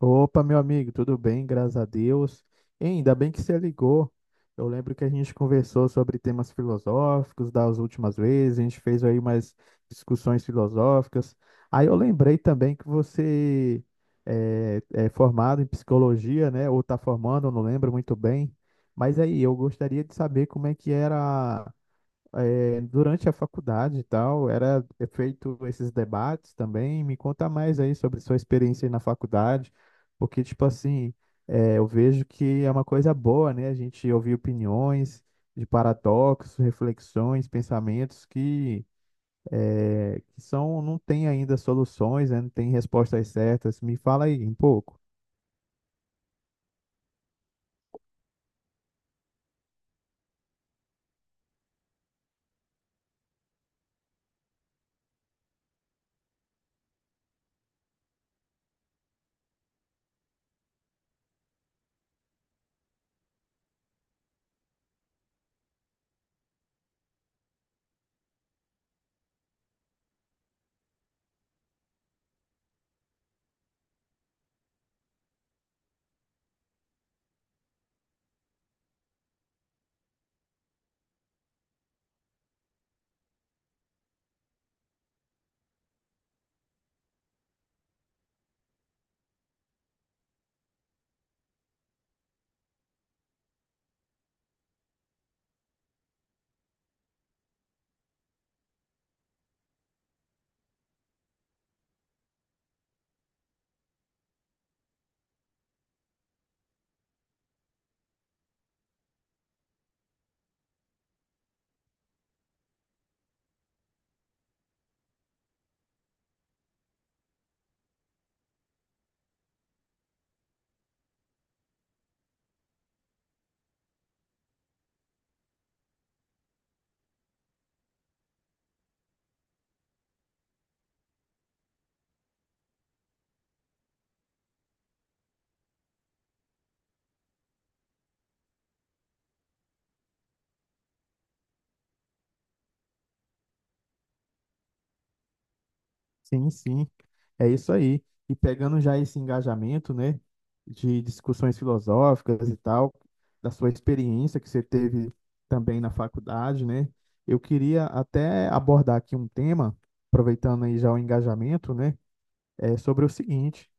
Opa, meu amigo, tudo bem? Graças a Deus. Hein, ainda bem que você ligou. Eu lembro que a gente conversou sobre temas filosóficos das últimas vezes, a gente fez aí umas discussões filosóficas. Aí eu lembrei também que você é formado em psicologia, né? Ou está formando, eu não lembro muito bem. Mas aí, eu gostaria de saber como é que era durante a faculdade e tal, era é feito esses debates também. Me conta mais aí sobre sua experiência aí na faculdade, porque, tipo assim, eu vejo que é uma coisa boa, né? A gente ouvir opiniões de paradoxos, reflexões, pensamentos que, que são, não tem ainda soluções, né? Não tem respostas certas. Me fala aí um pouco. Sim, sim, é isso aí. E pegando já esse engajamento, né, de discussões filosóficas e tal, da sua experiência que você teve também na faculdade, né, eu queria até abordar aqui um tema, aproveitando aí já o engajamento, né, é sobre o seguinte: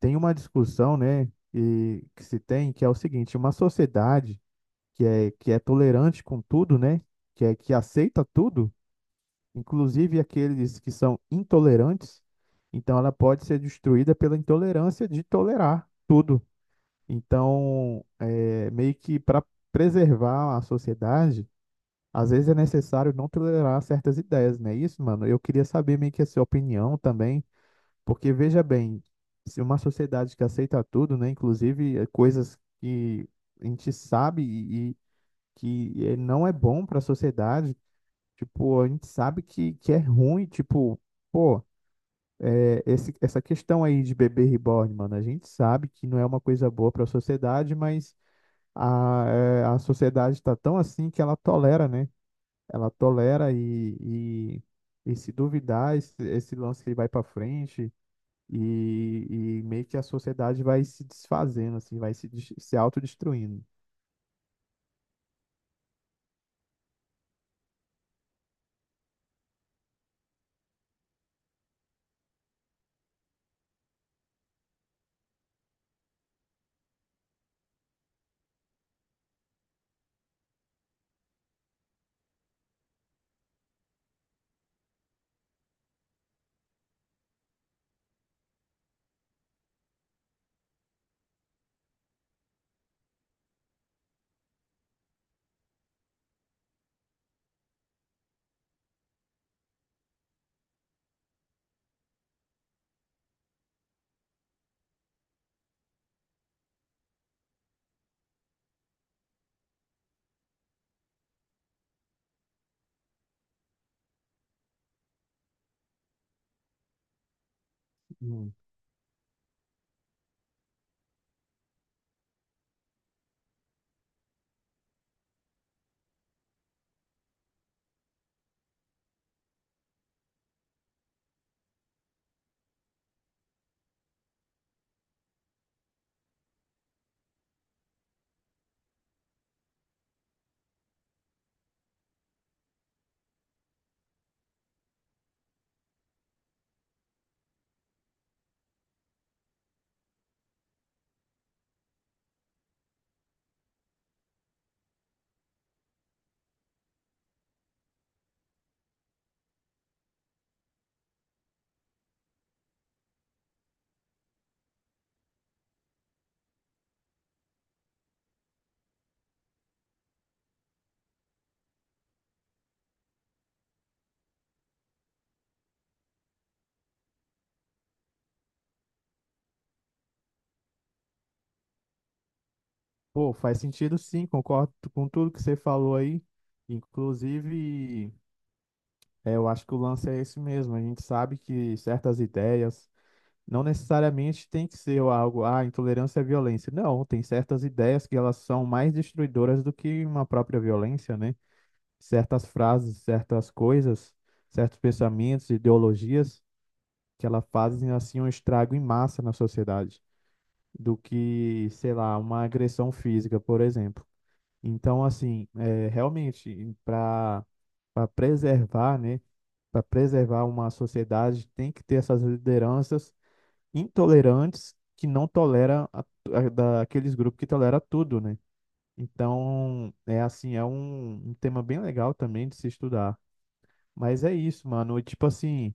tem uma discussão, né, e que se tem, que é o seguinte, uma sociedade que é tolerante com tudo, né, que é que aceita tudo inclusive aqueles que são intolerantes. Então, ela pode ser destruída pela intolerância de tolerar tudo. Então, é, meio que para preservar a sociedade, às vezes é necessário não tolerar certas ideias, né, isso, mano? Eu queria saber meio que a sua opinião também, porque veja bem, se uma sociedade que aceita tudo, né, inclusive coisas que a gente sabe e que não é bom para a sociedade, tipo, a gente sabe que é ruim, tipo, pô, é, essa questão aí de bebê reborn, mano, a gente sabe que não é uma coisa boa pra sociedade, mas a, é, a sociedade tá tão assim que ela tolera, né? Ela tolera e, e se duvidar, esse lance que vai pra frente e, e meio que a sociedade vai se desfazendo, assim, vai se, se autodestruindo. Hum. Pô, faz sentido sim, concordo com tudo que você falou aí, inclusive. É, eu acho que o lance é esse mesmo. A gente sabe que certas ideias não necessariamente tem que ser algo, ah, intolerância é violência. Não, tem certas ideias que elas são mais destruidoras do que uma própria violência, né? Certas frases, certas coisas, certos pensamentos, ideologias que elas fazem assim um estrago em massa na sociedade, do que, sei lá, uma agressão física, por exemplo. Então, assim, é, realmente, para preservar, né, para preservar uma sociedade, tem que ter essas lideranças intolerantes que não toleram daqueles grupos que toleram tudo, né? Então, é assim, é um tema bem legal também de se estudar. Mas é isso, mano. E, tipo assim,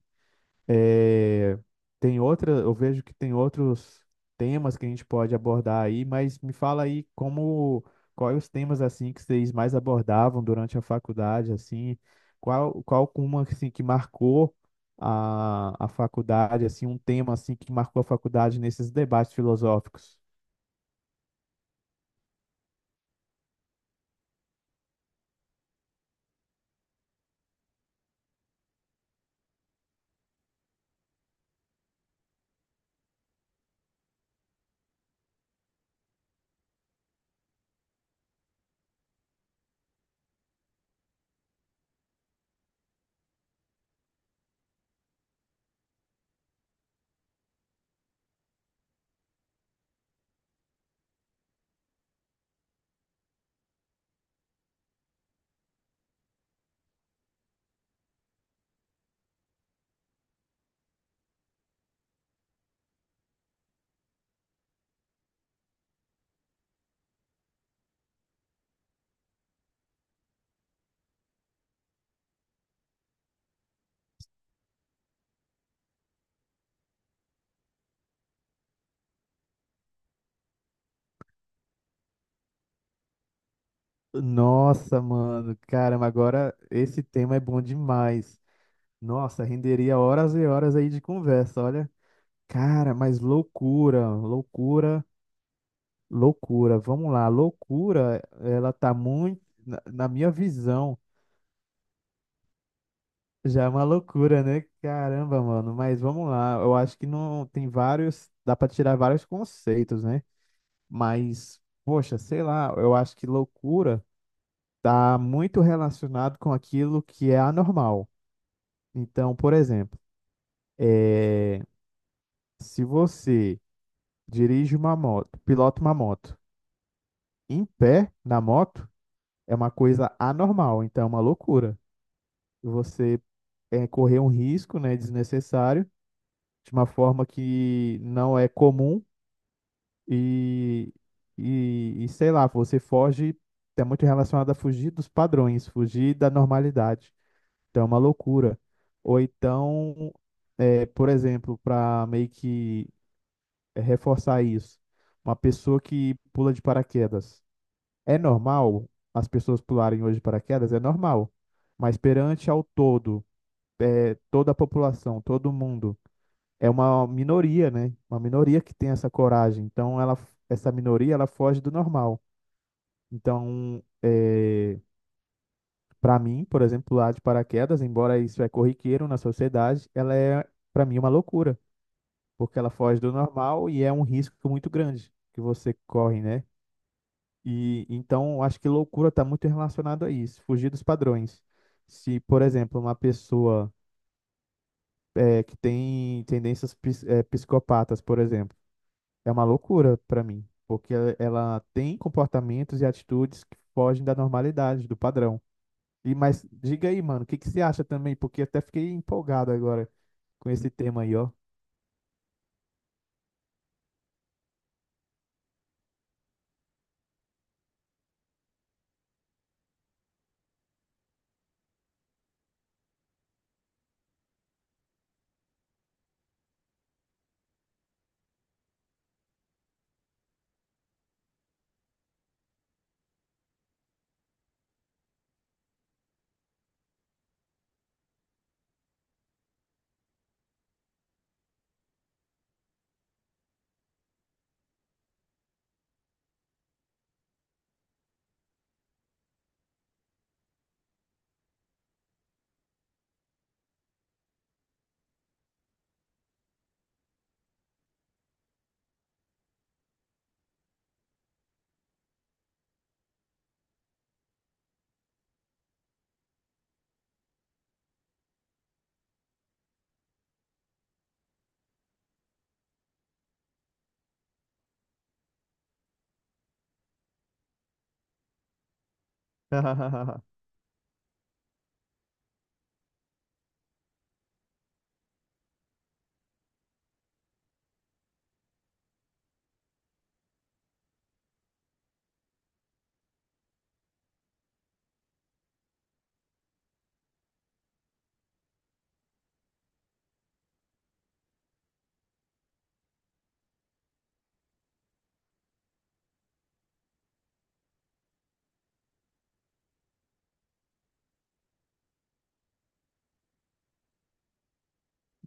é, tem outra, eu vejo que tem outros temas que a gente pode abordar aí, mas me fala aí como, quais os temas assim que vocês mais abordavam durante a faculdade, assim, qual uma assim que marcou a faculdade, assim, um tema assim que marcou a faculdade nesses debates filosóficos? Nossa, mano, caramba, agora esse tema é bom demais. Nossa, renderia horas e horas aí de conversa, olha. Cara, mas loucura. Vamos lá, loucura, ela tá muito, na minha visão, já é uma loucura, né? Caramba, mano, mas vamos lá. Eu acho que não tem vários, dá pra tirar vários conceitos, né? Mas, poxa, sei lá, eu acho que loucura tá muito relacionado com aquilo que é anormal. Então, por exemplo, é, se você dirige uma moto, pilota uma moto em pé na moto, é uma coisa anormal, então é uma loucura. Você é, correr um risco, né, desnecessário, de uma forma que não é comum e, e sei lá, você foge, é muito relacionado a fugir dos padrões, fugir da normalidade. Então é uma loucura. Ou então, é, por exemplo, para meio que é, reforçar isso, uma pessoa que pula de paraquedas. É normal as pessoas pularem hoje de paraquedas? É normal. Mas perante ao todo, é, toda a população, todo mundo, é uma minoria, né? Uma minoria que tem essa coragem. Então, ela, essa minoria, ela foge do normal. Então, é, para mim, por exemplo, pular de paraquedas, embora isso é corriqueiro na sociedade, ela é, para mim, uma loucura. Porque ela foge do normal e é um risco muito grande que você corre, né? E então acho que loucura está muito relacionado a isso, fugir dos padrões. Se, por exemplo, uma pessoa é, que tem tendências psicopatas, por exemplo, é uma loucura para mim, porque ela tem comportamentos e atitudes que fogem da normalidade, do padrão. E mas diga aí, mano, o que que você acha também? Porque até fiquei empolgado agora com esse tema aí, ó.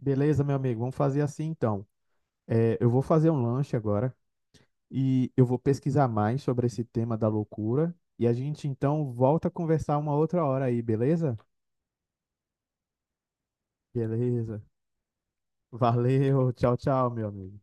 Beleza, meu amigo, vamos fazer assim então. É, eu vou fazer um lanche agora. E eu vou pesquisar mais sobre esse tema da loucura e a gente então volta a conversar uma outra hora aí, beleza? Beleza. Valeu, tchau, tchau, meu amigo.